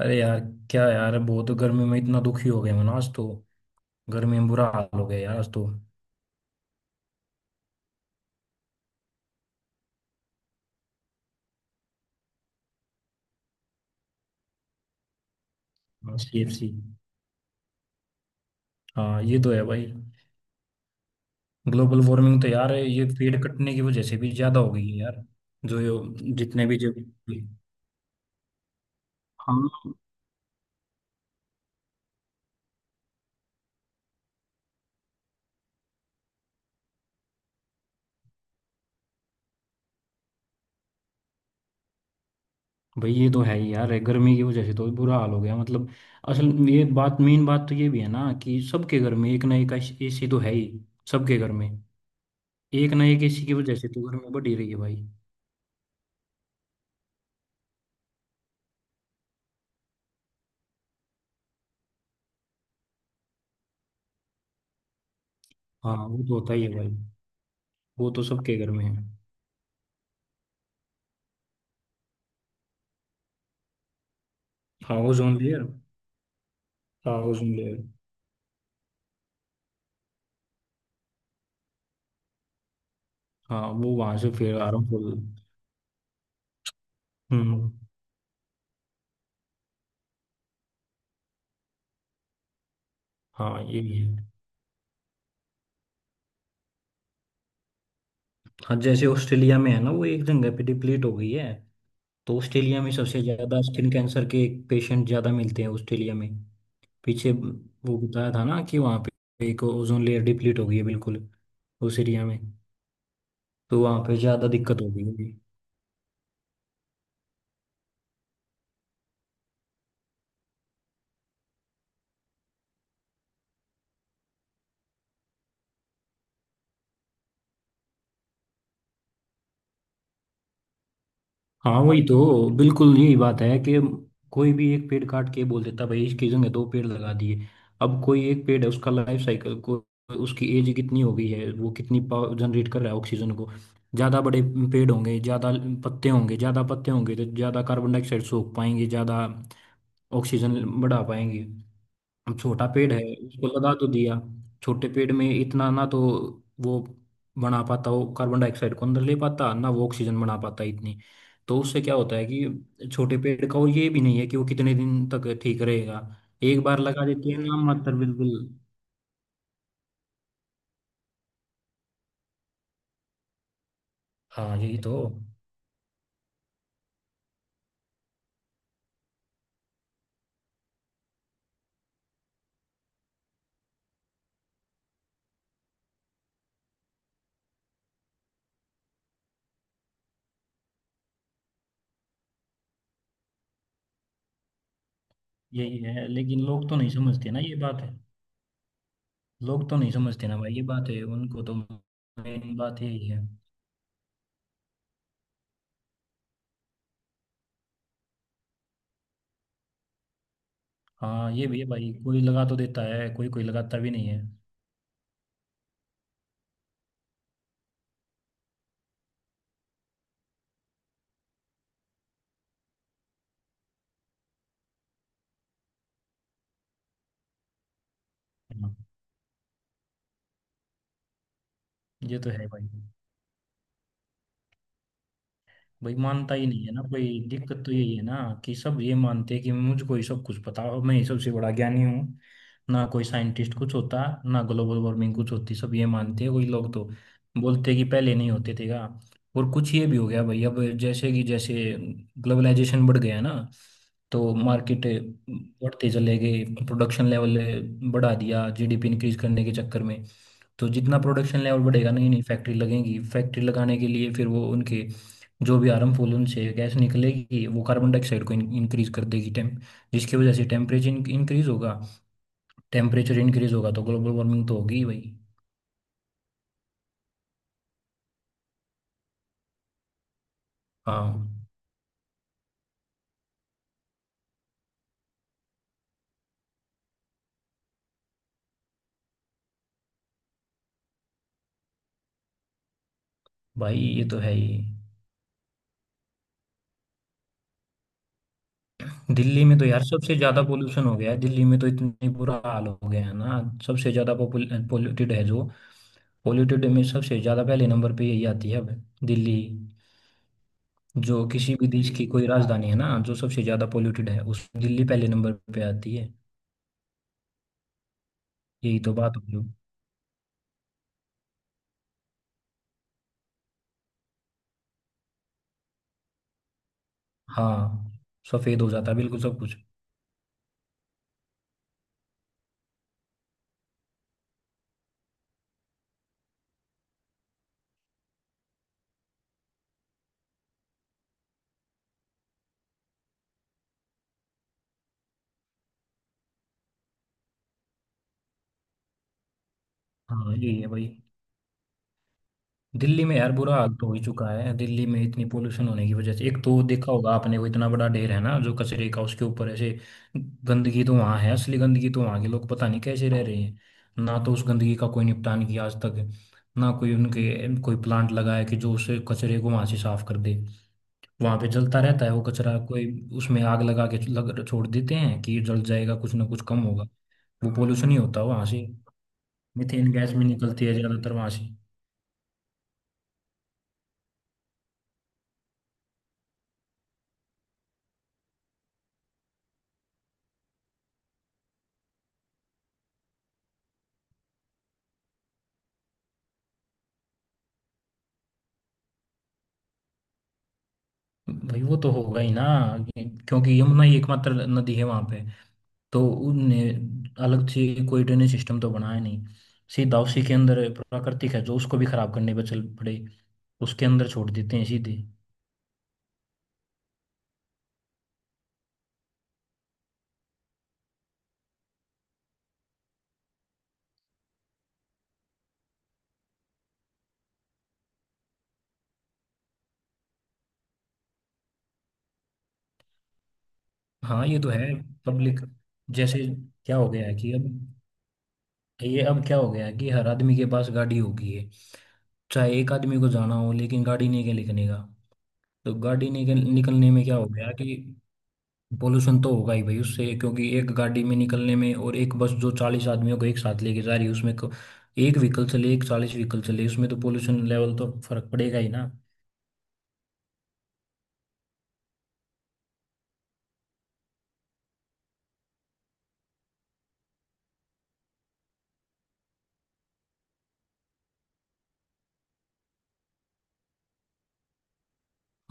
अरे यार। क्या यार, बहुत गर्मी में इतना दुखी हो गया मैं ना आज तो। गर्मी में बुरा हाल हो गया यार आज तो। सीएफसी। हाँ, ये तो है भाई। ग्लोबल वार्मिंग तो यार ये पेड़ कटने की वजह से भी ज्यादा हो गई है यार। जो जितने भी जो। हाँ भाई, ये तो है ही यार, गर्मी की वजह से तो बुरा हाल हो गया। मतलब असल में ये बात, मेन बात तो ये भी है ना कि सबके घर में एक ना एक एसी तो है ही, सबके घर में। एक ना एक एसी की वजह से तो गर्मी बढ़ ही रही है भाई। हाँ, वो तो होता ही है भाई। वो तो सबके घर में है। House own layer. House own layer. हाँ, वो वहां से फिर आ रहा हूँ फुल। हम्म। हाँ ये भी है। हाँ, जैसे ऑस्ट्रेलिया में है ना, वो एक जगह पे डिप्लीट हो गई है। तो ऑस्ट्रेलिया में सबसे ज्यादा स्किन कैंसर के पेशेंट ज्यादा मिलते हैं ऑस्ट्रेलिया में। पीछे वो बताया था ना कि वहाँ पे एक ओजोन लेयर डिप्लीट हो गई है बिल्कुल, उस एरिया में। तो वहाँ पे ज्यादा दिक्कत हो गई है। हाँ वही तो, बिल्कुल यही बात है कि कोई भी एक पेड़ काट के बोल देता भाई इसकी जगह दो पेड़ लगा दिए। अब कोई एक पेड़ है, उसका लाइफ साइकिल को, उसकी एज कितनी हो गई है, वो कितनी पावर जनरेट कर रहा है ऑक्सीजन को। ज़्यादा बड़े पेड़ होंगे, ज़्यादा पत्ते होंगे, ज़्यादा पत्ते होंगे तो ज़्यादा कार्बन डाइऑक्साइड सोख पाएंगे, ज़्यादा ऑक्सीजन बढ़ा पाएंगे। अब छोटा पेड़ है, उसको लगा तो दिया। छोटे पेड़ में इतना ना तो वो बना पाता, वो कार्बन डाइऑक्साइड को अंदर ले पाता, ना वो ऑक्सीजन बना पाता इतनी। तो उससे क्या होता है कि छोटे पेड़ का, और ये भी नहीं है कि वो कितने दिन तक ठीक रहेगा। एक बार लगा देते हैं नाम मात्र, बिल्कुल। हाँ यही तो। यही है, लेकिन लोग तो नहीं समझते ना, ये बात है। लोग तो नहीं समझते ना भाई, ये बात है, उनको तो मेन बात यही है। हाँ, ये भी है भाई, कोई लगा तो देता है, कोई कोई लगाता भी नहीं है। हाँ, ये तो है भाई। भाई मानता ही नहीं है ना कोई, दिक्कत तो यही है ना कि सब ये मानते हैं कि मुझको ही सब कुछ पता हो, मैं ही सबसे बड़ा ज्ञानी हूँ। ना कोई साइंटिस्ट कुछ होता, ना ग्लोबल वार्मिंग कुछ होती, सब ये मानते हैं। कोई लोग तो बोलते हैं कि पहले नहीं होते थे का। और कुछ ये भी हो गया भाई, अब जैसे ग्लोबलाइजेशन बढ़ गया ना, तो मार्केट बढ़ते चले गए, प्रोडक्शन लेवल बढ़ा दिया जीडीपी इंक्रीज करने के चक्कर में। तो जितना प्रोडक्शन लेवल बढ़ेगा, नहीं नहीं फैक्ट्री लगेगी, फैक्ट्री लगाने के लिए फिर वो उनके जो भी हार्मफुल उनसे गैस निकलेगी वो कार्बन डाइऑक्साइड को इंक्रीज कर देगी। टेम जिसकी वजह से टेम्परेचर इंक्रीज होगा, टेम्परेचर इंक्रीज होगा तो ग्लोबल वार्मिंग तो होगी ही भाई। हाँ भाई, ये तो है ही। दिल्ली में तो यार सबसे ज्यादा पोल्यूशन हो गया है, दिल्ली में तो इतनी बुरा हाल हो गया है ना। सबसे ज्यादा पोल्यूटेड है जो, पोल्यूटेड में सबसे ज्यादा पहले नंबर पे यही आती है अब, दिल्ली। जो किसी भी देश की कोई राजधानी है ना, जो सबसे ज्यादा पोल्यूटेड है, उस दिल्ली पहले नंबर पे आती है। यही तो बात होगी। हाँ, सफेद हो जाता है बिल्कुल सब कुछ। हाँ, यही है भाई। दिल्ली में यार बुरा हाल तो हो ही चुका है, दिल्ली में इतनी पोल्यूशन होने की वजह से एक तो देखा होगा आपने, वो इतना बड़ा ढेर है ना जो कचरे का, उसके ऊपर ऐसे गंदगी तो वहाँ है, असली गंदगी तो वहाँ के। लोग पता नहीं कैसे रह रहे हैं, ना तो उस गंदगी का कोई निपटान किया आज तक, ना कोई उनके कोई प्लांट लगाया कि जो उस कचरे को वहाँ से साफ कर दे। वहां पे जलता रहता है वो कचरा, कोई उसमें आग लगा के लग छोड़ देते हैं कि जल जाएगा, कुछ ना कुछ कम होगा। वो पोल्यूशन ही होता है वहां से, मीथेन गैस भी निकलती है ज्यादातर वहां से। भाई वो तो होगा ही ना, क्योंकि यमुना ही एकमात्र नदी है वहां पे। तो उनने अलग से कोई ड्रेनेज सिस्टम तो बनाया नहीं, सीधा उसी के अंदर। प्राकृतिक है जो, उसको भी खराब करने पर चल पड़े, उसके अंदर छोड़ देते हैं सीधे। हाँ, ये तो है। पब्लिक जैसे, क्या हो गया है कि अब, ये अब क्या हो गया है कि हर आदमी के पास गाड़ी होगी है, चाहे एक आदमी को जाना हो लेकिन गाड़ी नहीं के निकलने का। तो गाड़ी नहीं के निकलने में क्या हो गया कि पोल्यूशन तो होगा ही भाई उससे, क्योंकि एक गाड़ी में निकलने में और एक बस जो 40 आदमियों को एक साथ लेके जा रही है उसमें एक व्हीकल चले, एक 40 व्हीकल चले, उसमें तो पोल्यूशन लेवल तो फर्क पड़ेगा ही ना।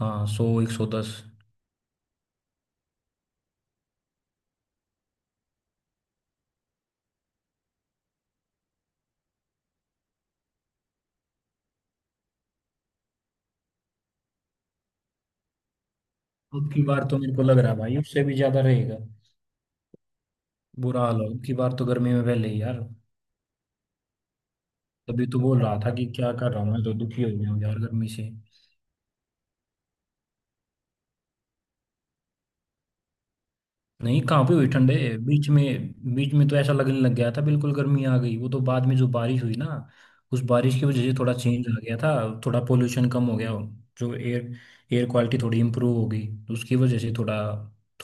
हाँ, 100, 110। अब की बार तो मेरे को लग रहा है भाई उससे भी ज्यादा रहेगा। बुरा हाल हो, अब की बार तो गर्मी में पहले ही यार। तभी तो बोल रहा था कि क्या कर रहा हूँ, मैं तो दुखी हो गया हूँ यार गर्मी से। नहीं, कहाँ पे हुई ठंडे। बीच में तो ऐसा लगने लग गया था बिल्कुल गर्मी आ गई, वो तो बाद में जो बारिश हुई ना, उस बारिश की वजह से थोड़ा चेंज आ गया था, थोड़ा पोल्यूशन कम हो गया, जो एयर एयर क्वालिटी थोड़ी इम्प्रूव हो गई तो उसकी वजह से थोड़ा,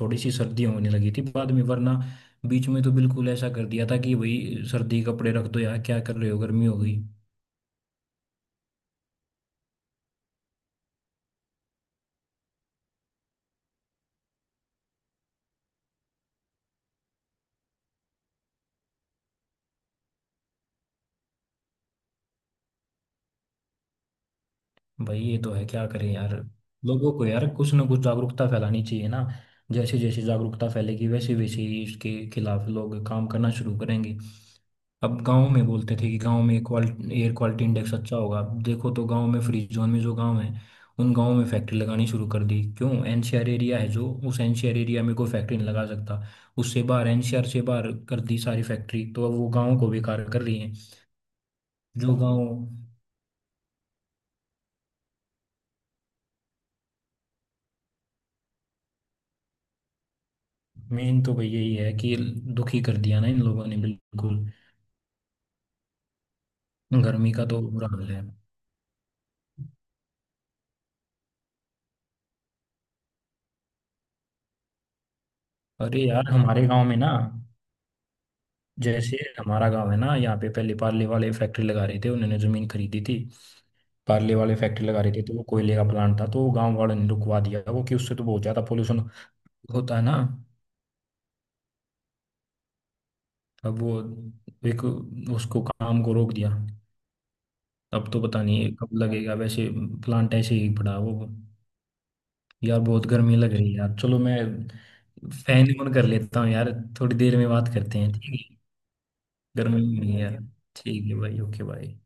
थोड़ी सी सर्दी होने लगी थी बाद में, वरना बीच में तो बिल्कुल ऐसा कर दिया था कि भाई सर्दी कपड़े रख दो यार, क्या कर रहे हो, गर्मी हो गई। भाई ये तो है, क्या करें यार। लोगों को यार कुछ ना कुछ जागरूकता फैलानी चाहिए ना, जैसे जैसे जागरूकता फैलेगी वैसे वैसे ही इसके खिलाफ लोग काम करना शुरू करेंगे। अब गांव में बोलते थे कि गांव में क्वालिटी एयर क्वालिटी इंडेक्स अच्छा होगा, अब देखो तो गांव में फ्री जोन में जो गांव है उन गांव में फैक्ट्री लगानी शुरू कर दी। क्यों, एनसीआर एरिया है जो, उस एनसीआर एरिया में कोई फैक्ट्री नहीं लगा सकता, उससे बाहर एनसीआर से बाहर कर दी सारी फैक्ट्री, तो अब वो गांव को बेकार कर रही है, जो गांव। मेन तो भैया यही है कि दुखी कर दिया ना इन लोगों ने बिल्कुल, गर्मी का तो बुरा हाल है। अरे यार हमारे गांव में ना, जैसे हमारा गांव है ना यहाँ पे, पहले पार्ले वाले फैक्ट्री लगा रहे थे, उन्होंने जमीन खरीदी थी। पार्ले वाले फैक्ट्री लगा रहे थे, तो वो कोयले का प्लांट था तो गांव वालों ने रुकवा दिया वो कि उससे तो बहुत ज्यादा पोल्यूशन होता है ना। अब वो एक, उसको काम को रोक दिया। अब तो पता नहीं कब लगेगा, वैसे प्लांट ऐसे ही पड़ा है वो। यार बहुत गर्मी लग रही है यार, चलो मैं फैन ऑन कर लेता हूँ यार। थोड़ी देर में बात करते हैं, ठीक है। गर्मी में नहीं है यार। ठीक है भाई, ओके भाई।